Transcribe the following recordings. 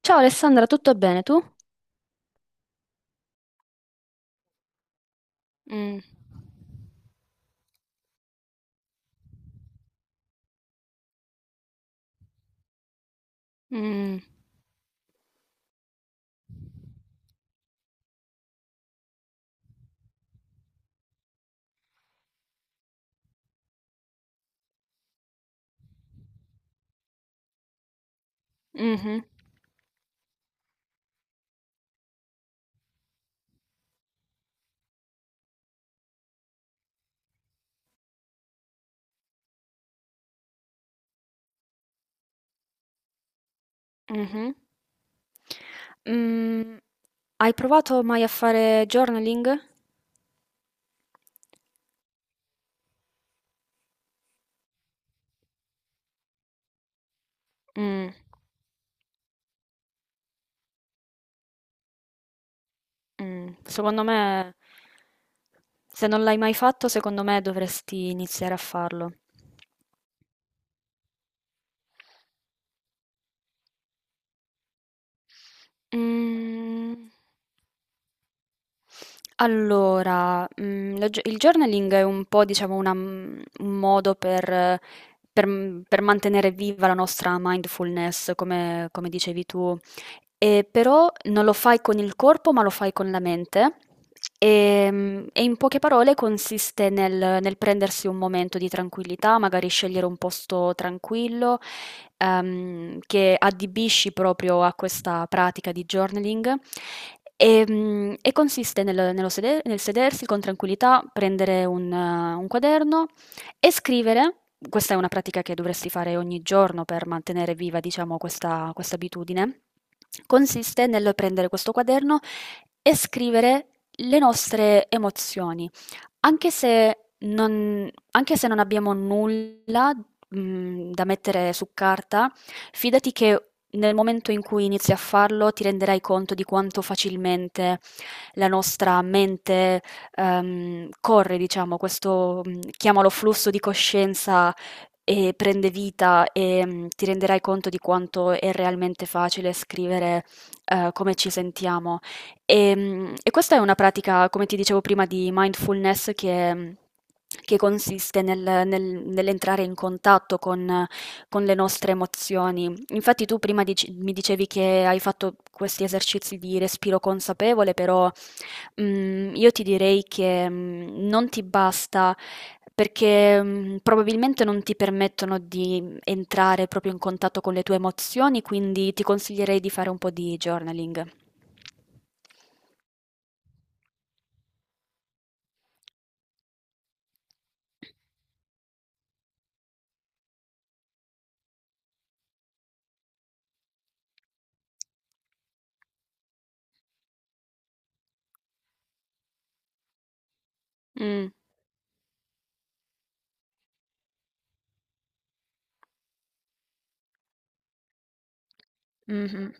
Ciao Alessandra, tutto bene tu? Mm, mm, mhm, mhm. Mm, Hai provato mai a fare journaling? Mm, mm. Secondo me, se non l'hai mai fatto, secondo me dovresti iniziare a farlo. Mm. Allora, la gio il journaling è un po', diciamo, un modo per mantenere viva la nostra mindfulness, come dicevi tu. Però non lo fai con il corpo, ma lo fai con la mente. E in poche parole consiste nel prendersi un momento di tranquillità, magari scegliere un posto tranquillo, che adibisci proprio a questa pratica di journaling, e, e consiste nel sedersi con tranquillità, prendere un quaderno e scrivere. Questa è una pratica che dovresti fare ogni giorno, per mantenere viva, diciamo, questa abitudine. Consiste nel prendere questo quaderno e scrivere le nostre emozioni. Anche se non abbiamo nulla, da mettere su carta, fidati che nel momento in cui inizi a farlo ti renderai conto di quanto facilmente la nostra mente, corre, diciamo, questo, chiamalo flusso di coscienza, e prende vita, e, ti renderai conto di quanto è realmente facile scrivere, come ci sentiamo. E questa è una pratica, come ti dicevo prima, di mindfulness, che consiste nell'entrare in contatto con le nostre emozioni. Infatti, tu prima dici mi dicevi che hai fatto questi esercizi di respiro consapevole. Però io ti direi che, non ti basta, perché, probabilmente non ti permettono di entrare proprio in contatto con le tue emozioni, quindi ti consiglierei di fare un po' di journaling. Mh. Mh-mh.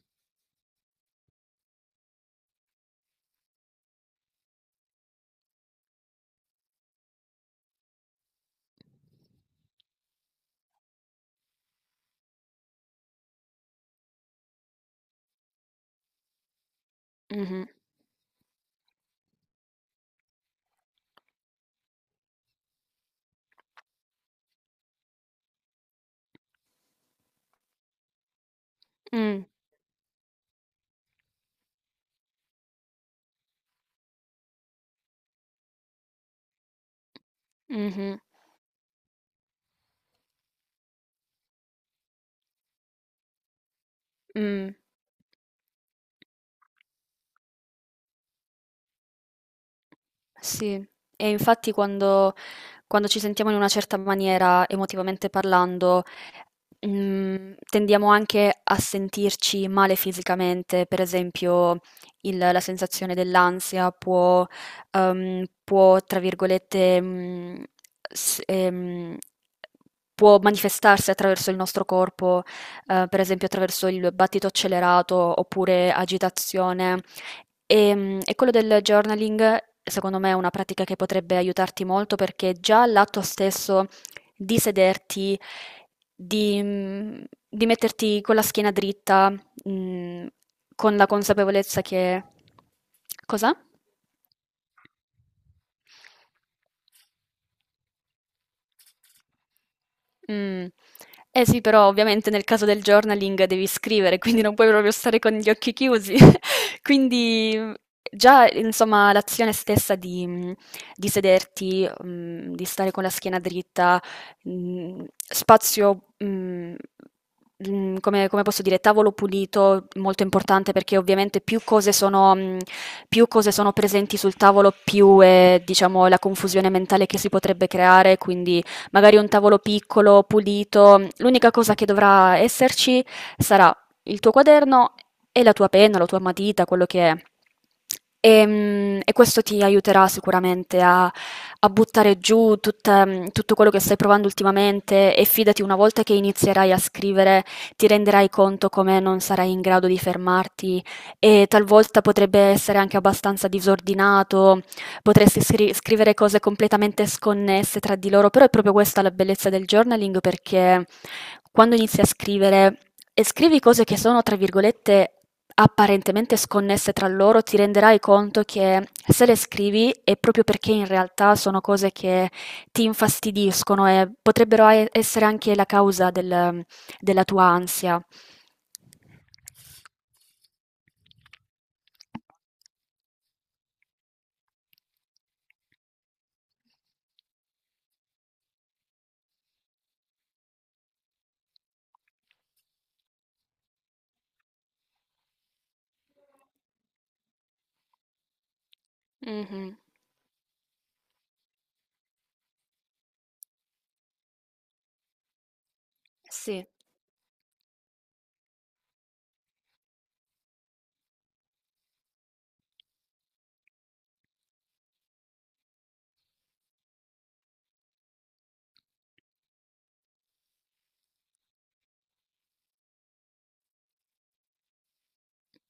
Mh-mh. Mh. Mh-mh. Mh. Sì, e infatti, quando ci sentiamo in una certa maniera, emotivamente parlando, tendiamo anche a sentirci male fisicamente. Per esempio, la sensazione dell'ansia può, tra virgolette, s- ehm, può manifestarsi attraverso il nostro corpo, per esempio attraverso il battito accelerato oppure agitazione. E quello del journaling, secondo me, è una pratica che potrebbe aiutarti molto, perché già l'atto stesso di sederti, di, mm, di metterti con la schiena dritta, mm, con la consapevolezza che... Cosa? Mm. Eh sì, però ovviamente nel caso del journaling devi scrivere, quindi non puoi proprio stare con gli occhi chiusi. Quindi, già, insomma, l'azione stessa di sederti, di stare con la schiena dritta, spazio, come posso dire, tavolo pulito, molto importante, perché ovviamente più cose sono presenti sul tavolo, più è, diciamo, la confusione mentale che si potrebbe creare. Quindi magari un tavolo piccolo, pulito. L'unica cosa che dovrà esserci sarà il tuo quaderno e la tua penna, la tua matita, quello che è. Questo ti aiuterà sicuramente a, a buttare giù tutto quello che stai provando ultimamente, e fidati, una volta che inizierai a scrivere, ti renderai conto come non sarai in grado di fermarti, e talvolta potrebbe essere anche abbastanza disordinato. Potresti scrivere cose completamente sconnesse tra di loro, però è proprio questa la bellezza del journaling, perché quando inizi a scrivere e scrivi cose che sono, tra virgolette, apparentemente sconnesse tra loro, ti renderai conto che se le scrivi è proprio perché in realtà sono cose che ti infastidiscono, e potrebbero essere anche la causa della tua ansia. Mhm. Sì.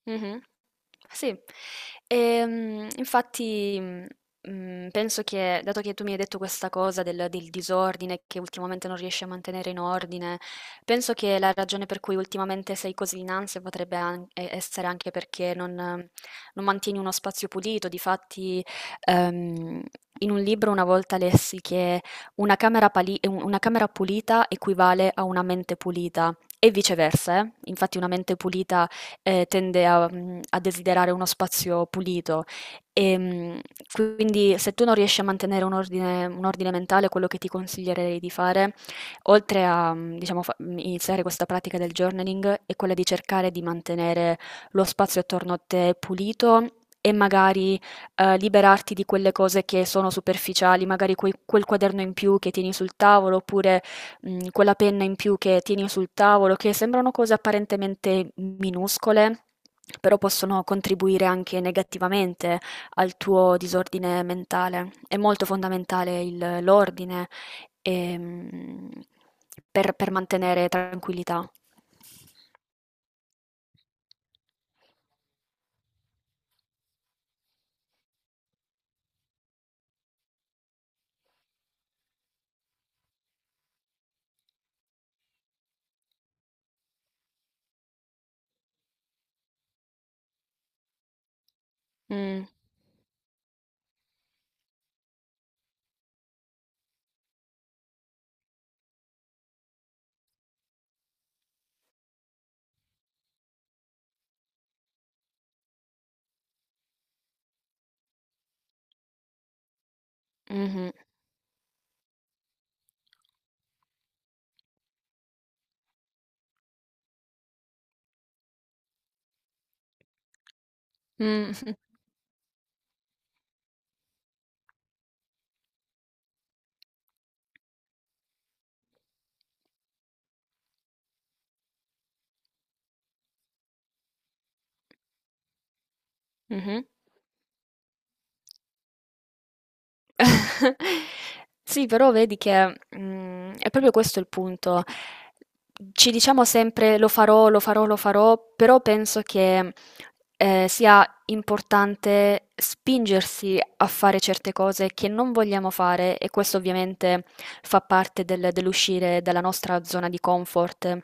Mhm. Sì. Infatti, penso che, dato che tu mi hai detto questa cosa del disordine che ultimamente non riesci a mantenere in ordine, penso che la ragione per cui ultimamente sei così in ansia potrebbe essere anche perché non mantieni uno spazio pulito. Difatti, ehm, in un libro una volta lessi che una camera pulita equivale a una mente pulita. E viceversa, eh. Infatti una mente pulita tende a desiderare uno spazio pulito, e, quindi se tu non riesci a mantenere un ordine mentale, quello che ti consiglierei di fare, oltre a, diciamo, iniziare questa pratica del journaling, è quella di cercare di mantenere lo spazio attorno a te pulito. E magari liberarti di quelle cose che sono superficiali, magari quel quaderno in più che tieni sul tavolo, oppure quella penna in più che tieni sul tavolo, che sembrano cose apparentemente minuscole, però possono contribuire anche negativamente al tuo disordine mentale. È molto fondamentale il l'ordine, ehm, per mantenere tranquillità. Mh, mh-mh. Mh, mh-mh. Sì, però vedi che, è proprio questo il punto. Ci diciamo sempre lo farò, lo farò, lo farò, però penso che sia importante spingersi a fare certe cose che non vogliamo fare, e questo ovviamente fa parte dell'uscire dalla nostra zona di comfort.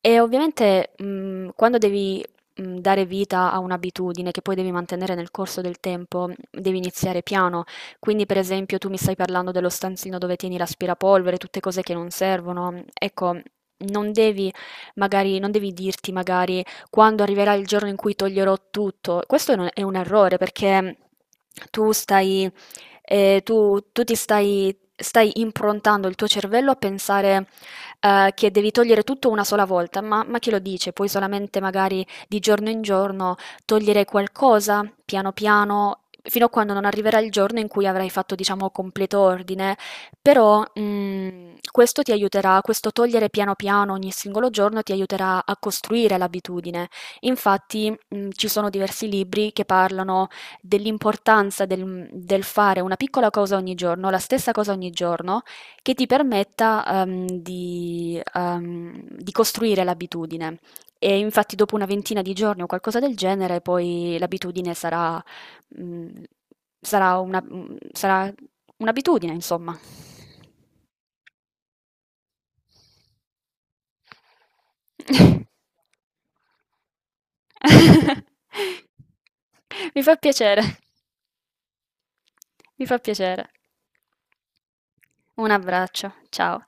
E ovviamente, quando devi dare vita a un'abitudine che poi devi mantenere nel corso del tempo, devi iniziare piano. Quindi, per esempio, tu mi stai parlando dello stanzino dove tieni l'aspirapolvere, tutte cose che non servono. Ecco, non devi magari, non devi dirti magari quando arriverà il giorno in cui toglierò tutto. Questo è un errore, perché tu stai, tu ti stai improntando il tuo cervello a pensare, che devi togliere tutto una sola volta, ma chi lo dice? Puoi solamente, magari, di giorno in giorno togliere qualcosa, piano piano, fino a quando non arriverà il giorno in cui avrai fatto, diciamo, completo ordine. Però, questo ti aiuterà, questo togliere piano piano ogni singolo giorno ti aiuterà a costruire l'abitudine. Infatti, ci sono diversi libri che parlano dell'importanza del fare una piccola cosa ogni giorno, la stessa cosa ogni giorno, che ti permetta, di costruire l'abitudine. E infatti, dopo una ventina di giorni o qualcosa del genere, poi l'abitudine sarà, mhmm, sarà una mhmm, sarà un'abitudine, insomma. Mi fa piacere, mi fa piacere. Un abbraccio, ciao.